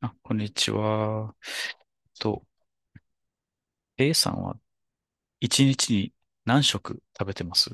あ、こんにちは。と、A さんは一日に何食食べてます？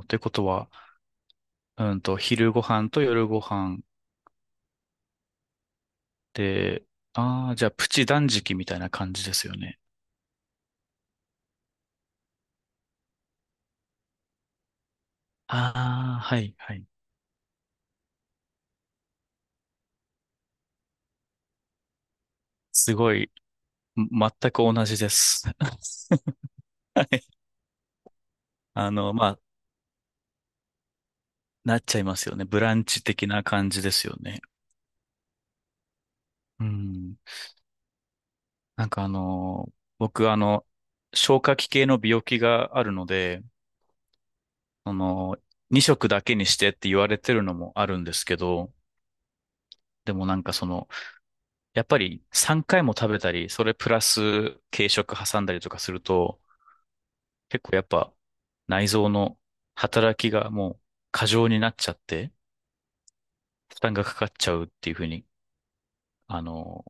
おう、ということは、昼ご飯と夜ご飯で、ああ、じゃあプチ断食みたいな感じですよね。ああ、はい、はい。すごい、全く同じです。はい。まあ、なっちゃいますよね。ブランチ的な感じですよね。うん。なんか僕消化器系の病気があるので、その、2食だけにしてって言われてるのもあるんですけど、でもなんかやっぱり3回も食べたり、それプラス軽食挟んだりとかすると、結構やっぱ内臓の働きがもう過剰になっちゃって、負担がかかっちゃうっていうふうに、あの、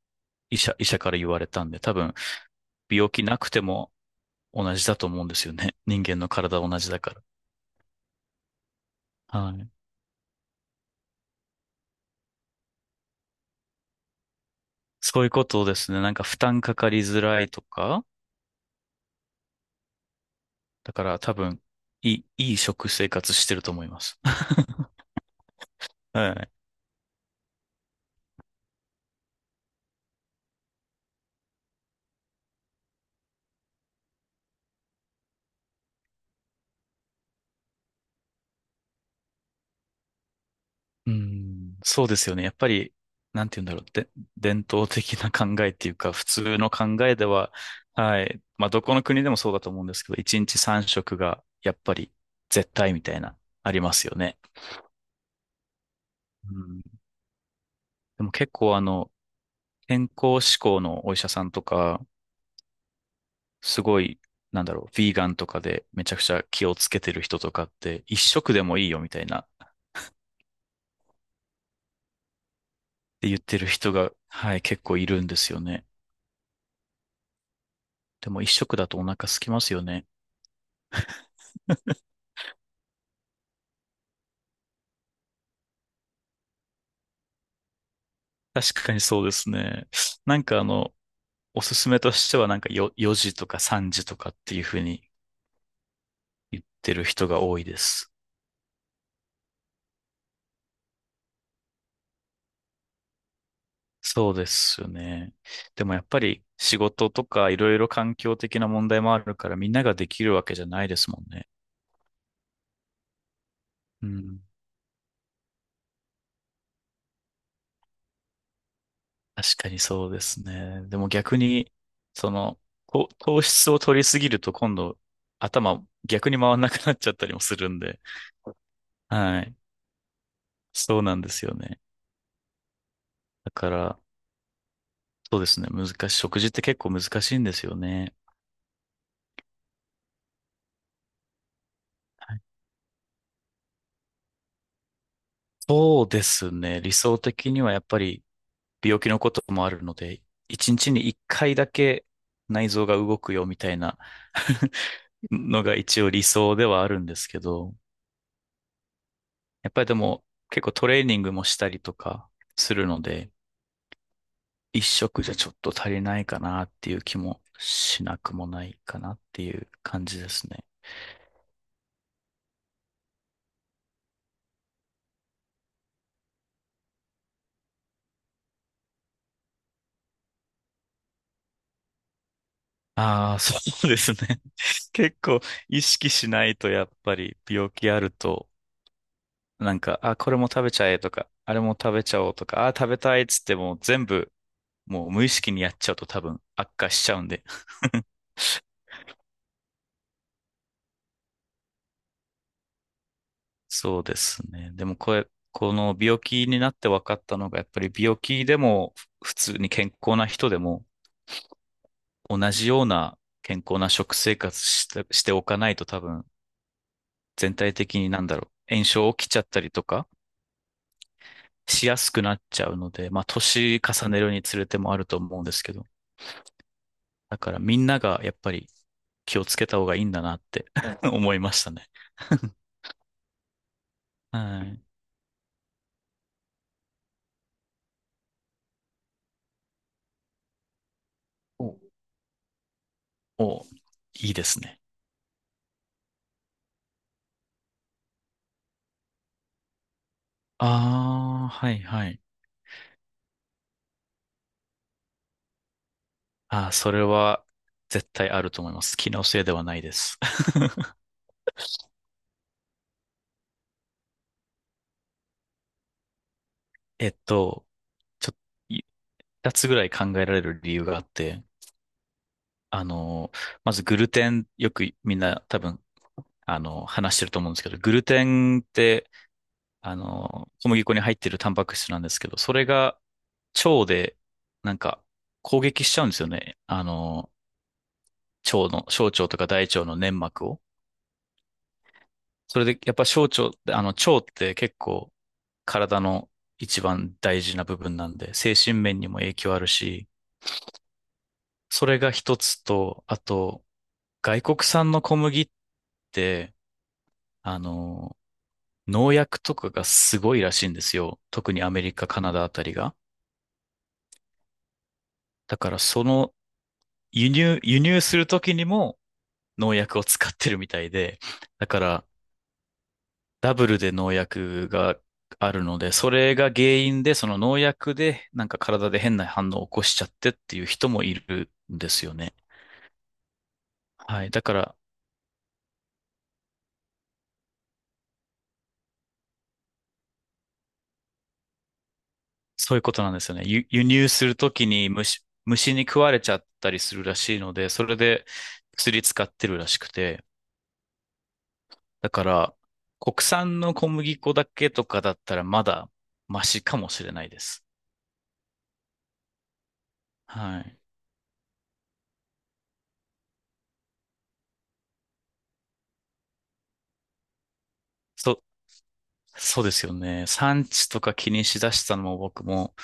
医者から言われたんで、多分病気なくても同じだと思うんですよね。人間の体は同じだから。はい。そういうことですね。なんか負担かかりづらいとか、だから多分、いいい食生活してると思います。はい。うん、そうですよね。やっぱり、なんて言うんだろう。で、伝統的な考えっていうか、普通の考えでは、はい。まあ、どこの国でもそうだと思うんですけど、1日3食が、やっぱり、絶対みたいな、ありますよね。うん、でも結構、健康志向のお医者さんとか、すごい、なんだろう、ヴィーガンとかでめちゃくちゃ気をつけてる人とかって、一食でもいいよみたいなて言ってる人が、はい、結構いるんですよね。でも一食だとお腹空きますよね。確かにそうですね。なんかおすすめとしてはなんか4時とか3時とかっていうふうに言ってる人が多いです。そうですよね。でもやっぱり仕事とかいろいろ環境的な問題もあるからみんなができるわけじゃないですもんね。うん。確かにそうですね。でも逆に、その、こう糖質を取りすぎると今度、頭逆に回らなくなっちゃったりもするんで。はい。そうなんですよね。だから、そうですね。難しい。食事って結構難しいんですよね。はい。そうですね。理想的にはやっぱり病気のこともあるので、一日に一回だけ内臓が動くよみたいな のが一応理想ではあるんですけど、やっぱりでも結構トレーニングもしたりとかするので、一食じゃちょっと足りないかなっていう気もしなくもないかなっていう感じですね。ああ、そうですね。結構意識しないとやっぱり病気あると、なんか、あ、これも食べちゃえとか、あれも食べちゃおうとか、あ、食べたいっつってもう全部もう無意識にやっちゃうと多分悪化しちゃうんで。そうですね。でもこれ、この病気になって分かったのが、やっぱり病気でも普通に健康な人でも同じような健康な食生活しておかないと多分全体的になんだろう、炎症起きちゃったりとかしやすくなっちゃうので、まあ年重ねるにつれてもあると思うんですけど、だからみんながやっぱり気をつけた方がいいんだなって 思いましたね。はい。おお、いいですね。ああ、はいはい。ああ、それは絶対あると思います。気のせいではないです。えっと、ちょ、い二つぐらい考えられる理由があって、あの、まずグルテン、よくみんな多分、話してると思うんですけど、グルテンって、小麦粉に入ってるタンパク質なんですけど、それが腸で、なんか、攻撃しちゃうんですよね。腸の、小腸とか大腸の粘膜を。それで、やっぱ小腸って、腸って結構体の一番大事な部分なんで、精神面にも影響あるし、それが一つと、あと、外国産の小麦って、あの、農薬とかがすごいらしいんですよ。特にアメリカ、カナダあたりが。だから輸入するときにも農薬を使ってるみたいで、だからダブルで農薬があるので、それが原因で、その農薬で、なんか体で変な反応を起こしちゃってっていう人もいるんですよね。はい。だから、そういうことなんですよね。輸入するときに虫に食われちゃったりするらしいので、それで薬使ってるらしくて。だから、国産の小麦粉だけとかだったらまだマシかもしれないです。はい。そ、そうですよね。産地とか気にしだしたのも僕も、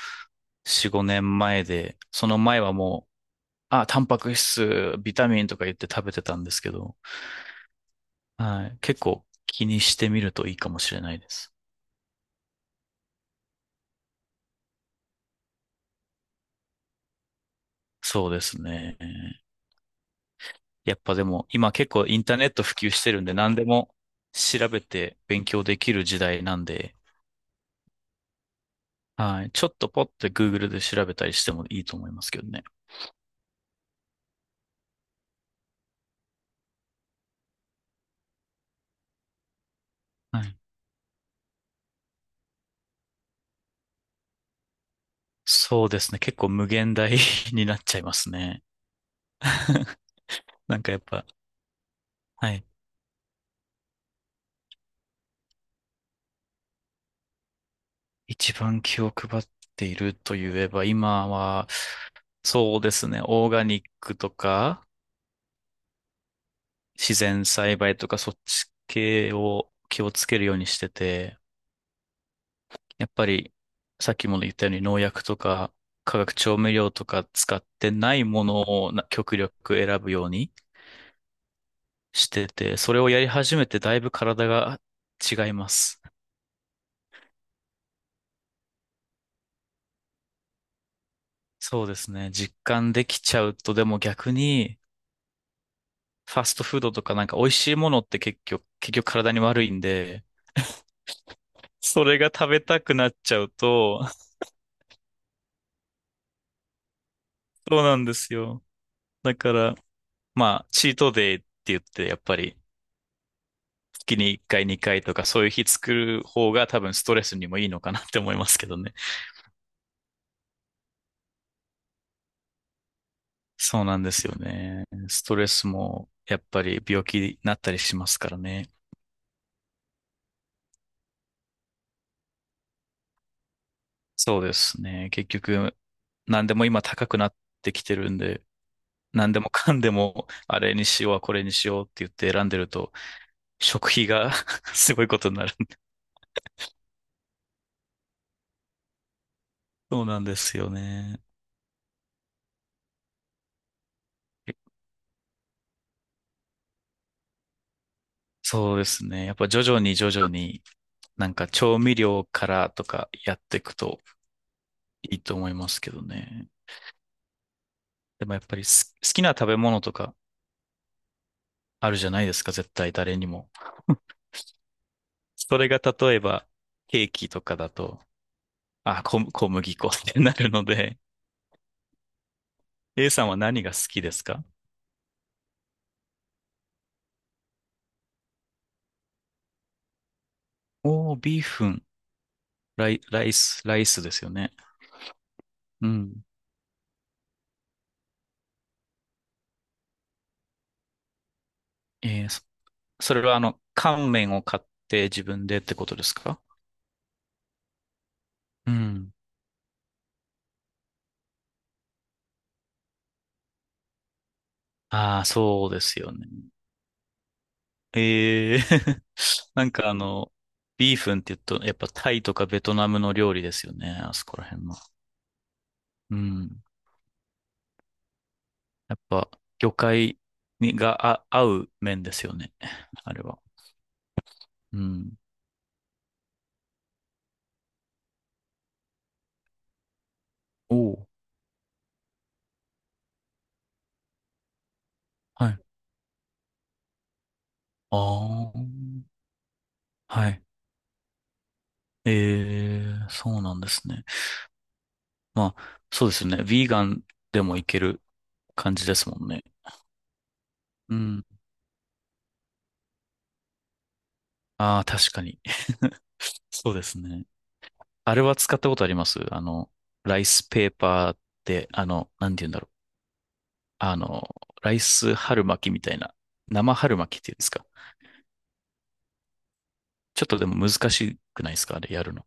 4、5年前で、その前はもう、あ、タンパク質、ビタミンとか言って食べてたんですけど、はい。結構気にしてみるといいかもしれないです。そうですね。やっぱでも、今結構インターネット普及してるんで、何でも調べて勉強できる時代なんで、はい。ちょっとポッて Google で調べたりしてもいいと思いますけどね。はい。そうですね。結構無限大 になっちゃいますね。なんかやっぱ、はい。一番気を配っているといえば、今は、そうですね、オーガニックとか、自然栽培とか、そっち系を気をつけるようにしてて、やっぱり、さっきも言ったように農薬とか、化学調味料とか使ってないものを極力選ぶようにしてて、それをやり始めてだいぶ体が違います。そうですね。実感できちゃうと、でも逆にファストフードとかなんか美味しいものって結局体に悪いんで、それが食べたくなっちゃうと、そうなんですよ。だから、まあ、チートデイって言って、やっぱり、月に1回、2回とか、そういう日作る方が多分ストレスにもいいのかなって思いますけどね。そうなんですよね。ストレスも、やっぱり病気になったりしますからね。そうですね。結局、何でも今高くなってきてるんで、何でもかんでも、あれにしよう、これにしようって言って選んでると、食費が すごいことになる。そうなんですよね。そうですね。やっぱ徐々に徐々に、なんか調味料からとかやっていくといいと思いますけどね。でもやっぱり好きな食べ物とかあるじゃないですか、絶対誰にも。それが例えばケーキとかだと、あ、小麦粉ってなるので、A さんは何が好きですか？おー、ビーフン、ライスですよね。うん。えー、そそれは乾麺を買って自分でってことですか？うん。ああ、そうですよね。ええ なんかビーフンって言うと、やっぱタイとかベトナムの料理ですよね。あそこら辺の。うん。やっぱ、魚介にがあ合う麺ですよね。あれは。うん。おお。はい。ああ。はい。ええ、そうなんですね。まあ、そうですよね。ヴィーガンでもいける感じですもんね。うん。ああ、確かに。そうですね。あれは使ったことあります？ライスペーパーって、なんて言うんだろう。あの、ライス春巻きみたいな。生春巻きっていうんですか？ちょっとでも難しくないですか、あれやるの。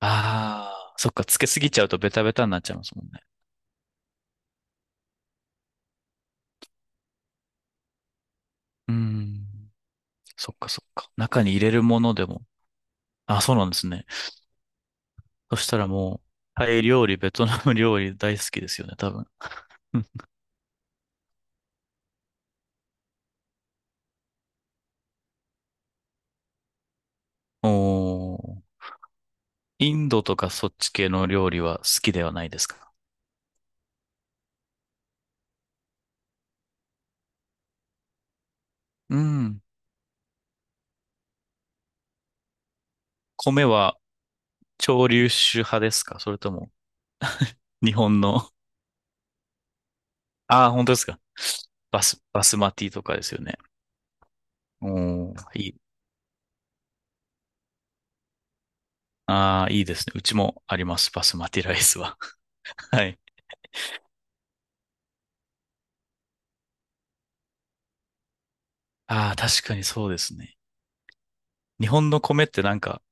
ああ、そっか。つけすぎちゃうとベタベタになっちゃいますもんね。うーん。そっかそっか。中に入れるものでも。あ、そうなんですね。そしたらもう、タイ料理、ベトナム料理大好きですよね、多分。うん、おー。インドとかそっち系の料理は好きではないですか？うん。米は潮流種派ですか？それとも日本の ああ、本当ですか？バスマティとかですよね。おー、いい。ああ、いいですね。うちもあります。バスマティライスは。はい。ああ、確かにそうですね。日本の米ってなんか、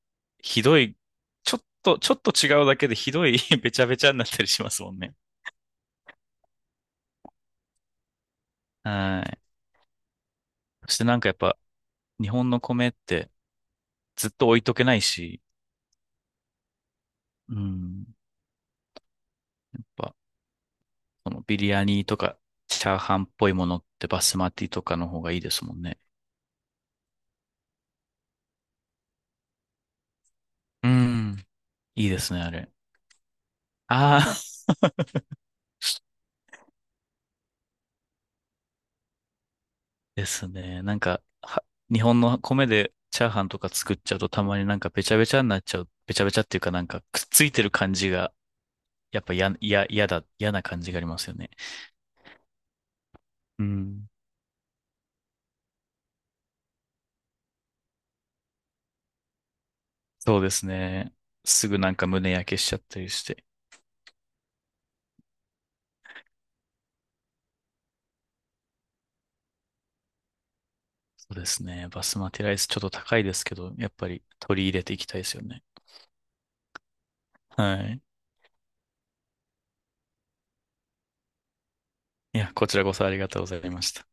ひどい、ちょっと違うだけでひどい べちゃべちゃになったりしますもんね。はい。そしてなんかやっぱ、日本の米ってずっと置いとけないし、うん。ぱ、このビリヤニとか、チャーハンっぽいものってバスマティとかの方がいいですもんね。うん。いいですね、あれ。ああ、ですね。なんか、日本の米でチャーハンとか作っちゃうとたまになんかべちゃべちゃになっちゃう。べちゃべちゃっていうかなんかくっついてる感じが、やっぱや、や、嫌だ、嫌な感じがありますよね。うん。そうですね。すぐなんか胸焼けしちゃったりして。そうですね。バスマティライスちょっと高いですけど、やっぱり取り入れていきたいですよね。はい。いや、こちらこそありがとうございました。